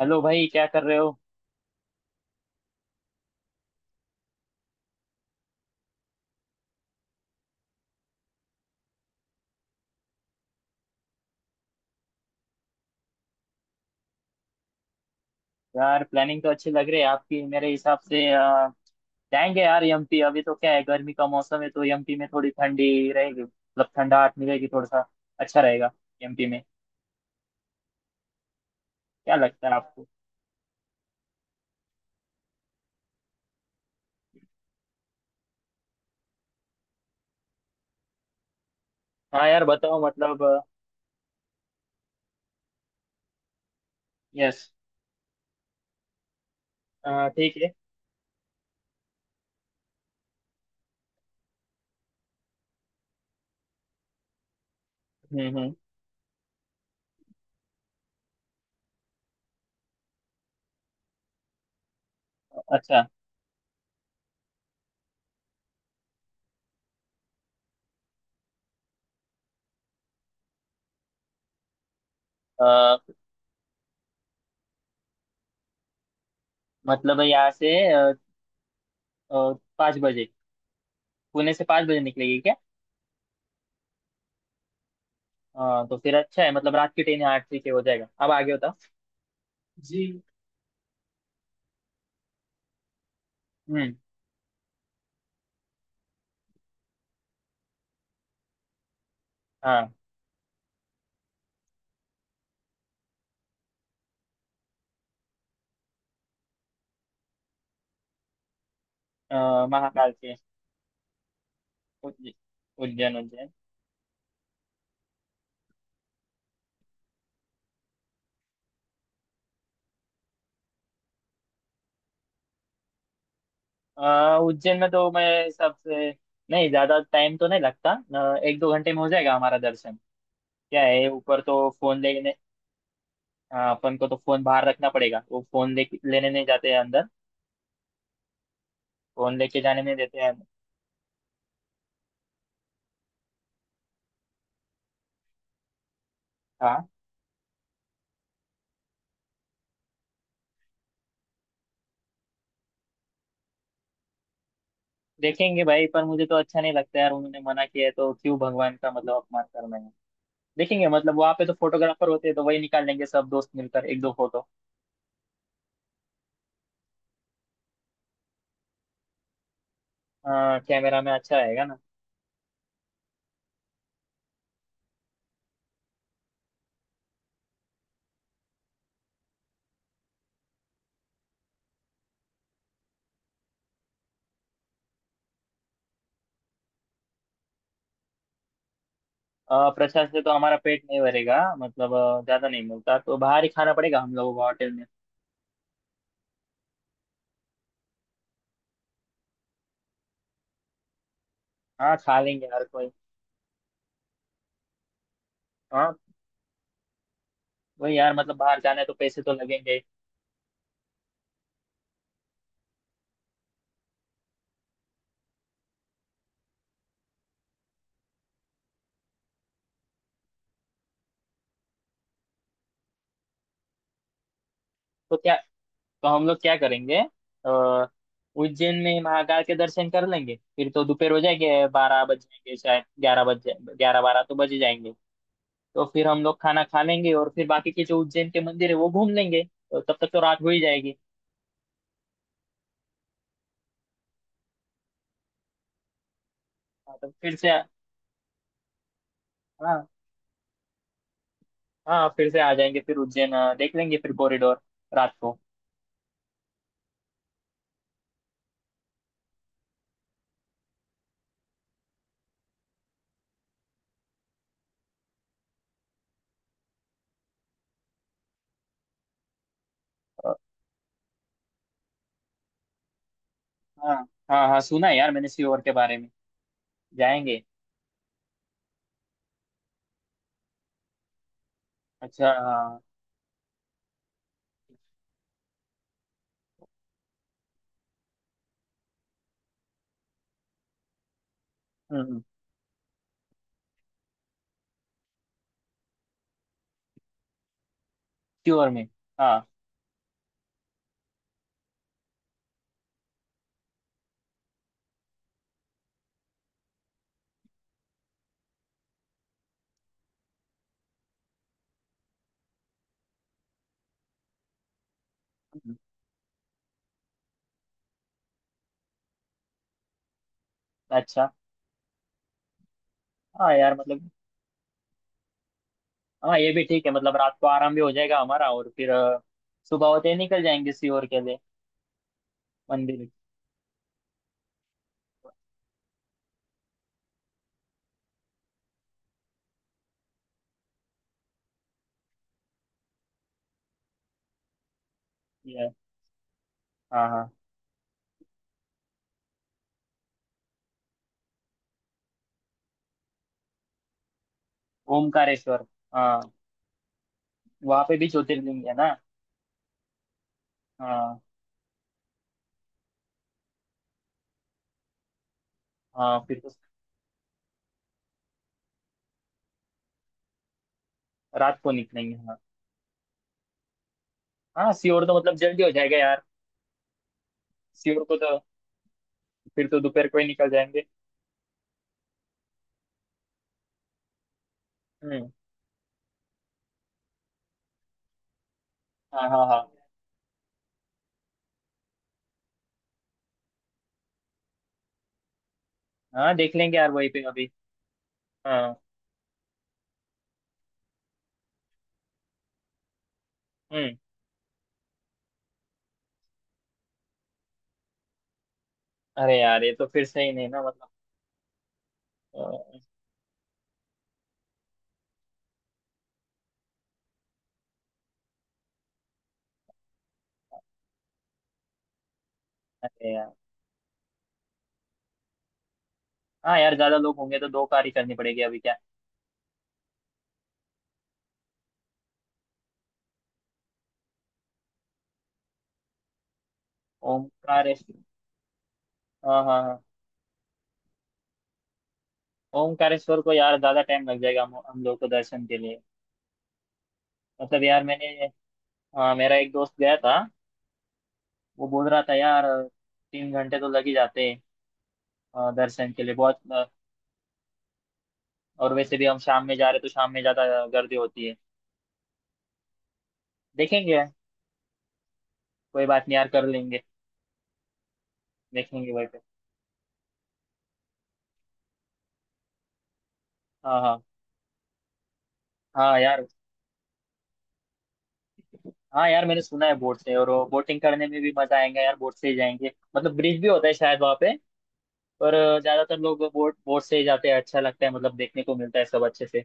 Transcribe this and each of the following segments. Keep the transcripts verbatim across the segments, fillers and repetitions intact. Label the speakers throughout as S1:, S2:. S1: Hello भाई, क्या कर रहे हो। यार, प्लानिंग तो अच्छी लग रही है आपकी। मेरे हिसाब से अ, जाएंगे यार एमपी। अभी तो क्या है, गर्मी का मौसम है, तो एमपी में थोड़ी ठंडी रहेगी, मतलब ठंडाहट मिलेगी थोड़ा सा। अच्छा रहेगा एमपी में। क्या लगता है आपको। हाँ यार, बताओ मतलब। यस। ठीक है। हम्म हम्म। अच्छा। अ, मतलब यहाँ से आ, पाँच बजे, पुणे से पाँच बजे निकलेगी क्या। अ, तो फिर अच्छा है, मतलब रात की ट्रेन, यहाँ ठीक है, हो जाएगा अब आगे होता जी। हम्म। हाँ। अ, महाकाल के। उज्ज- उज्जैन उज्जैन। अ, उज्जैन में तो मैं सबसे। नहीं, ज्यादा टाइम तो नहीं लगता। अ, एक दो घंटे में हो जाएगा हमारा दर्शन। क्या है, ऊपर तो फोन लेने। अ, अपन को तो फोन बाहर रखना पड़ेगा, वो फोन ले लेने नहीं जाते हैं अंदर। फोन लेके जाने नहीं देते हैं। हाँ। देखेंगे भाई, पर मुझे तो अच्छा नहीं लगता यार। उन्होंने मना किया है, तो क्यों भगवान का मतलब अपमान करना है। देखेंगे, मतलब वहाँ पे तो फोटोग्राफर होते हैं, तो वही निकाल लेंगे सब दोस्त मिलकर एक दो फोटो। कैमरा में अच्छा आएगा ना। अ, प्रसाद से तो हमारा पेट नहीं भरेगा, मतलब अ, ज्यादा नहीं मिलता, तो बाहर ही खाना पड़ेगा हम लोगों को होटल में। हाँ, खा लेंगे हर कोई। हाँ वही यार, मतलब बाहर जाना है तो पैसे तो लगेंगे। तो क्या, तो हम लोग क्या करेंगे। अ, उज्जैन में महाकाल के दर्शन कर लेंगे, फिर तो दोपहर हो जाएंगे, बारह बज जाएंगे, शायद ग्यारह बज जाए, ग्यारह बारह तो बज ही जाएंगे। तो फिर हम लोग खाना खा लेंगे, और फिर बाकी के जो उज्जैन के मंदिर है वो घूम लेंगे, तो तब तक तो रात हो ही जाएगी। हाँ, तो फिर से। हाँ हाँ, फिर से आ जाएंगे, फिर उज्जैन अ, देख लेंगे, फिर कॉरिडोर रात को। अ, हाँ हाँ हाँ, सुना है यार मैंने सीहोर के बारे में। जाएंगे। अच्छा, हाँ। हम्म हम्म, सीहोर में। हाँ। हम्म, अच्छा। हाँ यार, मतलब। हाँ, ये भी ठीक है, मतलब रात को आराम भी हो जाएगा हमारा, और फिर अ, सुबह होते ही निकल जाएंगे सीहोर के लिए। मंदिर। ये। हाँ हाँ। ओमकारेश्वर। हाँ, वहाँ पे भी ज्योतिर्लिंग है ना। हाँ। हाँ फिर तो। रात को निकलेंगे, हाँ। हाँ, सीहोर तो मतलब जल्दी हो जाएगा यार। सीहोर को तो फिर तो दोपहर को ही निकल जाएंगे। हम्म। हाँ हाँ हाँ। हाँ, देख लेंगे यार वहीं पे अभी। हाँ। हम्म। अरे यार, ये तो फिर सही नहीं ना, मतलब अ, अरे यार। हाँ यार, ज्यादा लोग होंगे तो दो कार ही करनी पड़ेगी अभी क्या। ओमकारेश्वर। हाँ हाँ हाँ। ओमकारेश्वर को यार ज्यादा टाइम लग जाएगा हम हम लोग को दर्शन के लिए। मतलब यार, मैंने। हाँ, मेरा एक दोस्त गया था। वो बोल रहा था यार, तीन घंटे तो लग ही जाते हैं अ, दर्शन के लिए बहुत अ, और वैसे भी हम शाम में जा रहे, तो शाम में ज्यादा गर्दी होती है। देखेंगे। कोई बात नहीं यार, कर लेंगे। देखेंगे भाई पे। हाँ हाँ हाँ यार। हाँ यार, मैंने सुना है बोट से, और वो बोटिंग करने में भी मजा आएगा यार, बोट से ही जाएंगे। मतलब ब्रिज भी होता है शायद वहाँ पे, पर ज्यादातर लोग बोट बोट से ही जाते हैं, अच्छा लगता है, मतलब देखने को मिलता है सब अच्छे से।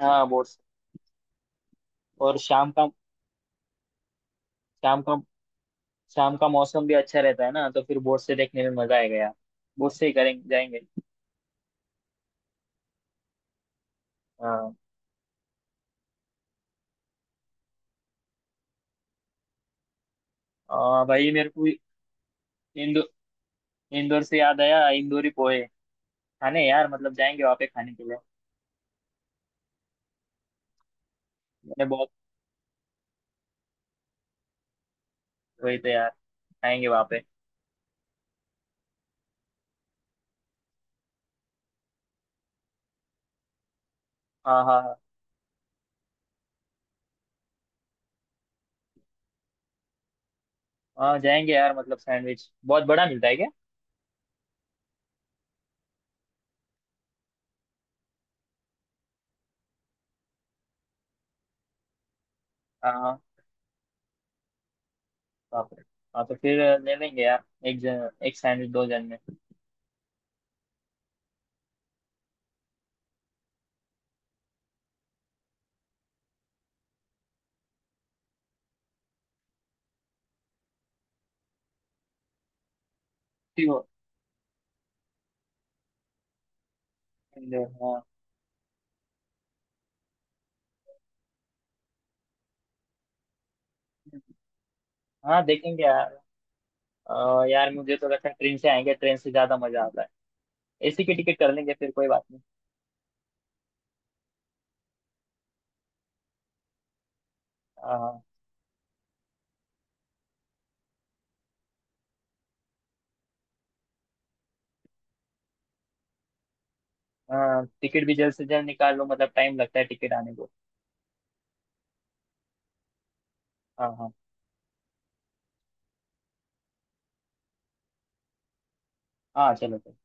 S1: हाँ, बोट से। और शाम का। शाम का। शाम का मौसम भी अच्छा रहता है ना, तो फिर बोट से देखने में मजा आएगा यार। बोट से ही करेंगे जाएंगे। हाँ। और भाई मेरे को। इंदौर। इंदौर से याद आया, इंदौरी पोहे खाने यार, मतलब जाएंगे वहाँ पे खाने के लिए। मैंने बहुत। वही तो यार, खाएंगे वहाँ पे। हाँ हाँ हाँ। हाँ, जाएंगे यार। मतलब सैंडविच बहुत बड़ा मिलता है क्या। हाँ हाँ। बाप रे। हाँ तो फिर ले लेंगे यार। एक जन एक सैंडविच, दो जन में। ठीक हो। हाँ। हाँ, देखेंगे यार। अ, यार, मुझे तो लगता है ट्रेन से आएंगे, ट्रेन से ज्यादा मजा आता है। एसी की टिकट कर लेंगे, फिर कोई बात नहीं। हाँ हाँ। टिकट भी जल्द से जल्द निकाल लो, मतलब टाइम लगता है टिकट आने को। हाँ हाँ हाँ, चलो चलो।